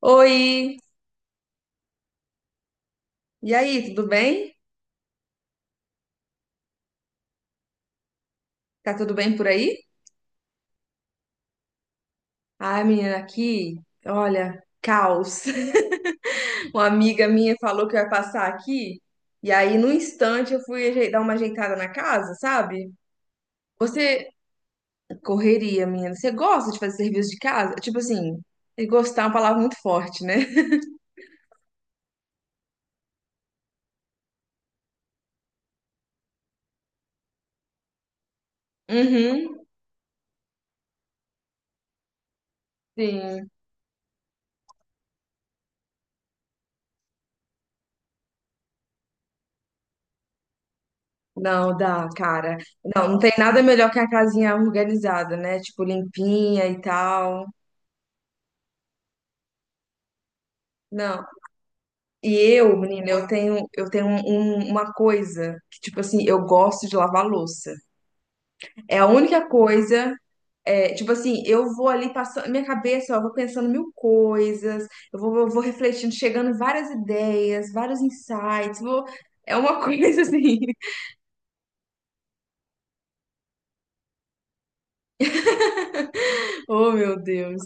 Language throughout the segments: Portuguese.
Oi! E aí, tudo bem? Tá tudo bem por aí? Ai, menina, aqui, olha, caos. Uma amiga minha falou que eu ia passar aqui, e aí, num instante, dar uma ajeitada na casa, sabe? Você correria, menina. Você gosta de fazer serviço de casa? Tipo assim, e gostar é uma palavra muito forte, né? Uhum, sim. Não, dá, cara. Não, não tem nada melhor que a casinha organizada, né? Tipo, limpinha e tal. Não. E eu, menina, eu tenho uma coisa que, tipo assim, eu gosto de lavar louça. É a única coisa, é, tipo assim, eu vou ali passando, minha cabeça, ó, eu vou pensando mil coisas, eu vou refletindo, chegando várias ideias, vários insights, vou- é uma coisa assim. Oh, meu Deus.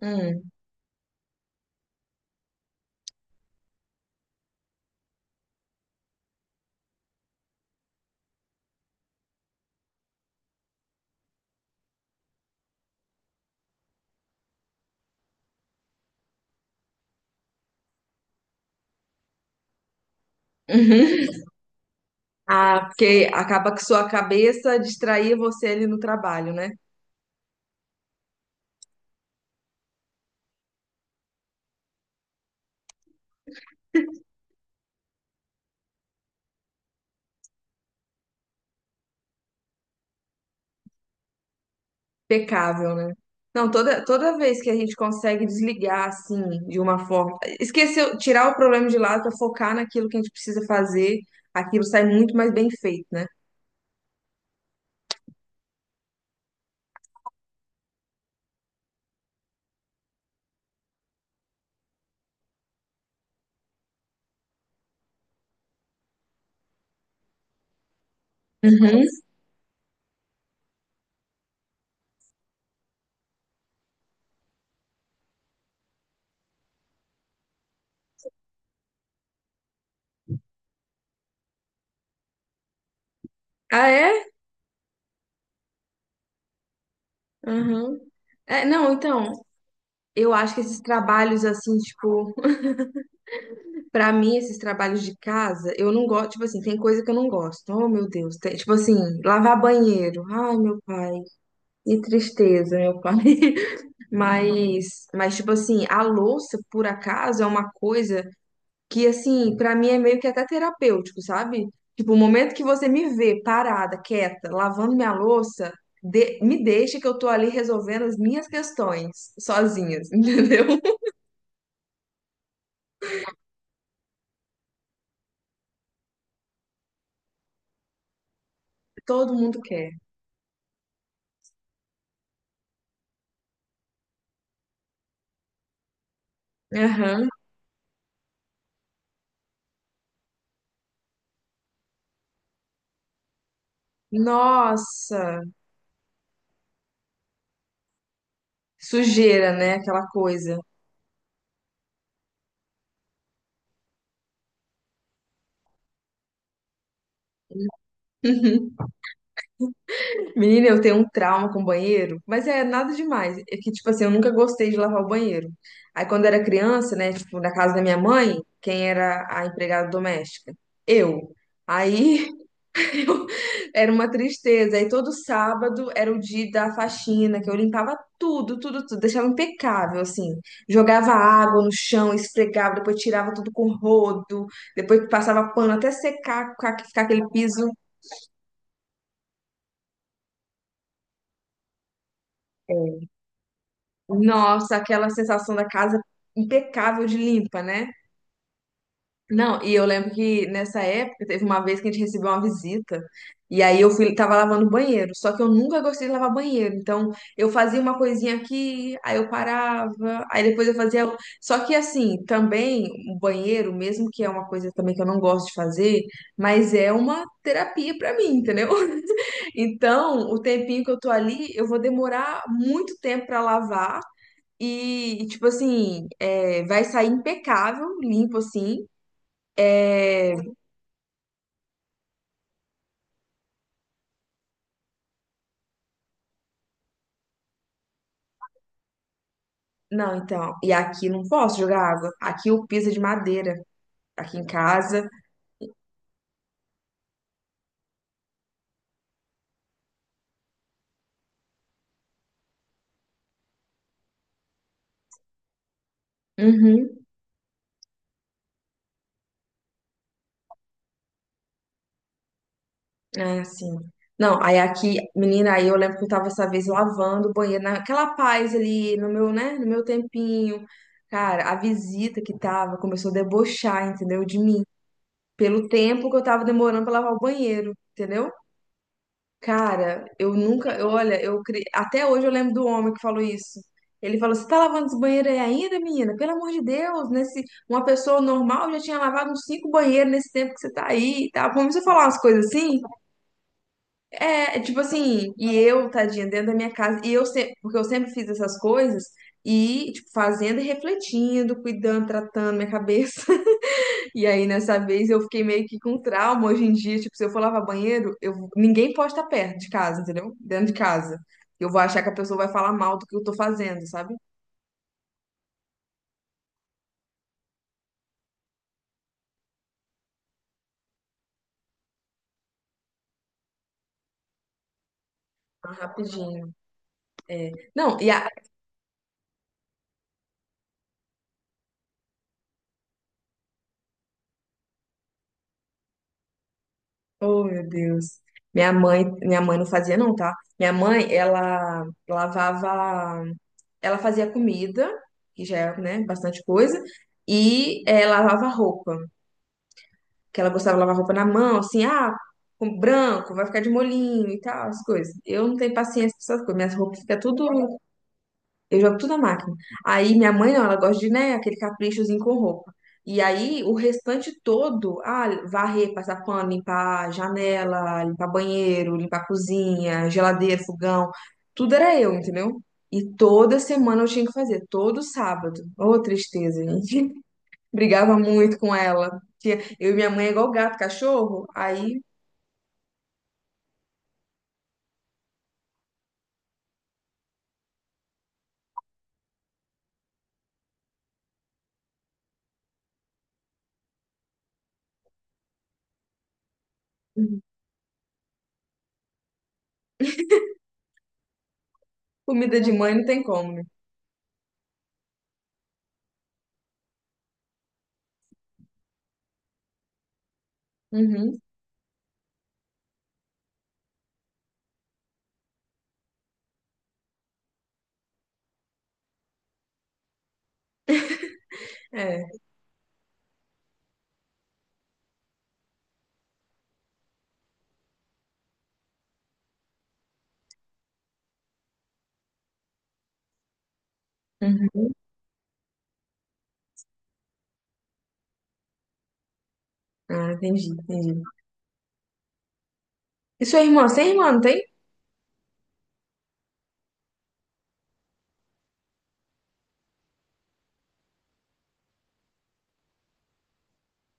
Hum. Uhum. Ah, porque acaba que sua cabeça distraía você ali no trabalho, né? Impecável, né? Não, toda vez que a gente consegue desligar, assim, de uma forma. Esquecer, tirar o problema de lado para focar naquilo que a gente precisa fazer, aquilo sai muito mais bem feito, né? Uhum. Ah, é? Uhum. É, não, então, eu acho que esses trabalhos, assim, tipo, pra mim, esses trabalhos de casa, eu não gosto, tipo assim, tem coisa que eu não gosto. Oh, meu Deus. Tem- tipo assim, lavar banheiro. Ai, meu pai. Que tristeza, meu pai. Mas tipo assim, a louça, por acaso, é uma coisa que, assim, pra mim é meio que até terapêutico, sabe? Tipo, o momento que você me vê parada, quieta, lavando minha louça, de- me deixa que eu tô ali resolvendo as minhas questões sozinhas, entendeu? Todo mundo quer. Aham. Nossa, sujeira, né? Aquela coisa. Menina, eu tenho um trauma com banheiro, mas é nada demais. É que, tipo assim, eu nunca gostei de lavar o banheiro. Aí, quando era criança, né, tipo, na casa da minha mãe, quem era a empregada doméstica? Eu. Aí, eu- era uma tristeza. Aí, todo sábado era o dia da faxina, que eu limpava tudo, tudo, tudo, deixava impecável, assim. Jogava água no chão, esfregava, depois tirava tudo com rodo, depois passava pano até secar, ficar aquele piso. Nossa, aquela sensação da casa impecável de limpa, né? Não, e eu lembro que nessa época teve uma vez que a gente recebeu uma visita, e aí eu fui, tava lavando o banheiro, só que eu nunca gostei de lavar banheiro, então eu fazia uma coisinha aqui, aí eu parava, aí depois eu fazia. Só que assim, também o banheiro, mesmo que é uma coisa também que eu não gosto de fazer, mas é uma terapia pra mim, entendeu? Então, o tempinho que eu tô ali, eu vou demorar muito tempo pra lavar. E tipo assim, é, vai sair impecável, limpo assim. É, não, então. E aqui não posso jogar água. Aqui o piso é de madeira. Aqui em casa. Uhum. É assim. Não, aí aqui, menina, aí eu lembro que eu tava essa vez lavando o banheiro, naquela paz ali, no meu, né, no meu tempinho. Cara, a visita que tava começou a debochar, entendeu? De mim. Pelo tempo que eu tava demorando pra lavar o banheiro, entendeu? Cara, eu nunca, eu, olha, eu cre- até hoje eu lembro do homem que falou isso. Ele falou: "Você tá lavando esse banheiro aí ainda, menina? Pelo amor de Deus, nesse uma pessoa normal já tinha lavado uns cinco banheiros nesse tempo que você tá aí e tal". Começou a falar umas coisas assim. É tipo assim, e eu, tadinha, dentro da minha casa, e eu sempre, porque eu sempre fiz essas coisas e tipo fazendo e refletindo, cuidando, tratando minha cabeça. E aí, nessa vez, eu fiquei meio que com trauma hoje em dia. Tipo, se eu for lavar banheiro, eu... ninguém pode estar perto de casa, entendeu? Dentro de casa. Eu vou achar que a pessoa vai falar mal do que eu tô fazendo, sabe? Ah, rapidinho. Não, e a. Oh, meu Deus. Minha mãe não fazia, não, tá? Minha mãe, ela lavava. Ela fazia comida, que já é, né, bastante coisa, e lavava roupa. Que ela gostava de lavar roupa na mão, assim, ah, com branco, vai ficar de molinho e tal, as coisas. Eu não tenho paciência pra essas coisas, minhas roupas ficam tudo, eu jogo tudo na máquina. Aí minha mãe não, ela gosta de, né, aquele caprichozinho com roupa. E aí o restante todo, ah, varrer, passar pano, limpar janela, limpar banheiro, limpar cozinha, geladeira, fogão, tudo era eu, entendeu? E toda semana eu tinha que fazer, todo sábado. Ô, tristeza, gente. Brigava muito com ela. Tinha- Eu e minha mãe é igual gato, cachorro. Aí, uhum, comida de mãe não tem como, né? Uhum, é. Uhum. Ah, entendi. E sua irmã? Você é irmã, não tem?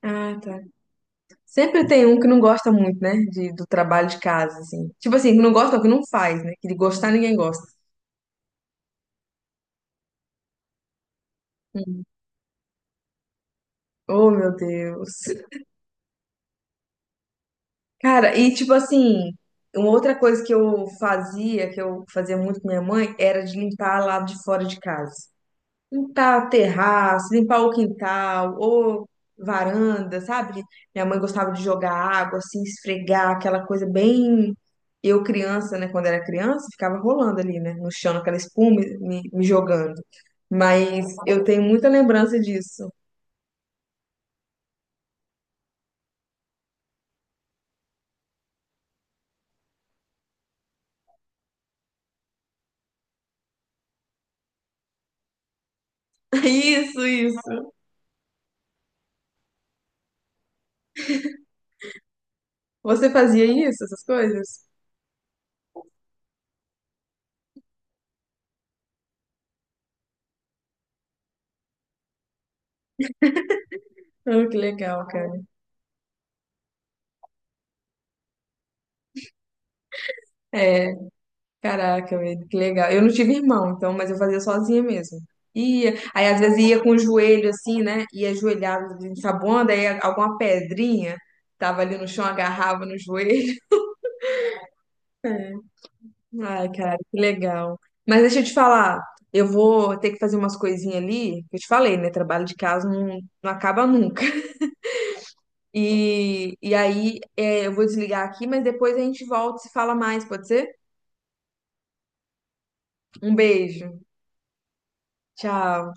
Ah, tá. Sempre tem um que não gosta muito, né? De, do trabalho de casa, assim. Tipo assim, que não gosta, não, que não faz, né? Que de gostar ninguém gosta. Uhum. Oh, meu Deus. Cara, e tipo assim, uma outra coisa que eu fazia muito com minha mãe, era de limpar lá de fora de casa. Limpar o terraço, limpar o quintal, ou varanda, sabe? Minha mãe gostava de jogar água, assim, esfregar, aquela coisa bem. Eu, criança, né? Quando era criança, ficava rolando ali, né? No chão, aquela espuma me jogando. Mas eu tenho muita lembrança disso. Isso, isso. Você fazia isso, essas coisas? Oh, que legal, cara. É. Caraca, velho, que legal. Eu não tive irmão, então, mas eu fazia sozinha mesmo. Ia, aí às vezes ia com o joelho assim, né? Ia ajoelhado, ensaboando, aí alguma pedrinha tava ali no chão, agarrava no joelho. É. Ai, cara, que legal. Mas deixa eu te falar, eu vou ter que fazer umas coisinhas ali, que eu te falei, né? Trabalho de casa não, não acaba nunca. E aí, é, eu vou desligar aqui, mas depois a gente volta e se fala mais, pode ser? Um beijo. Tchau.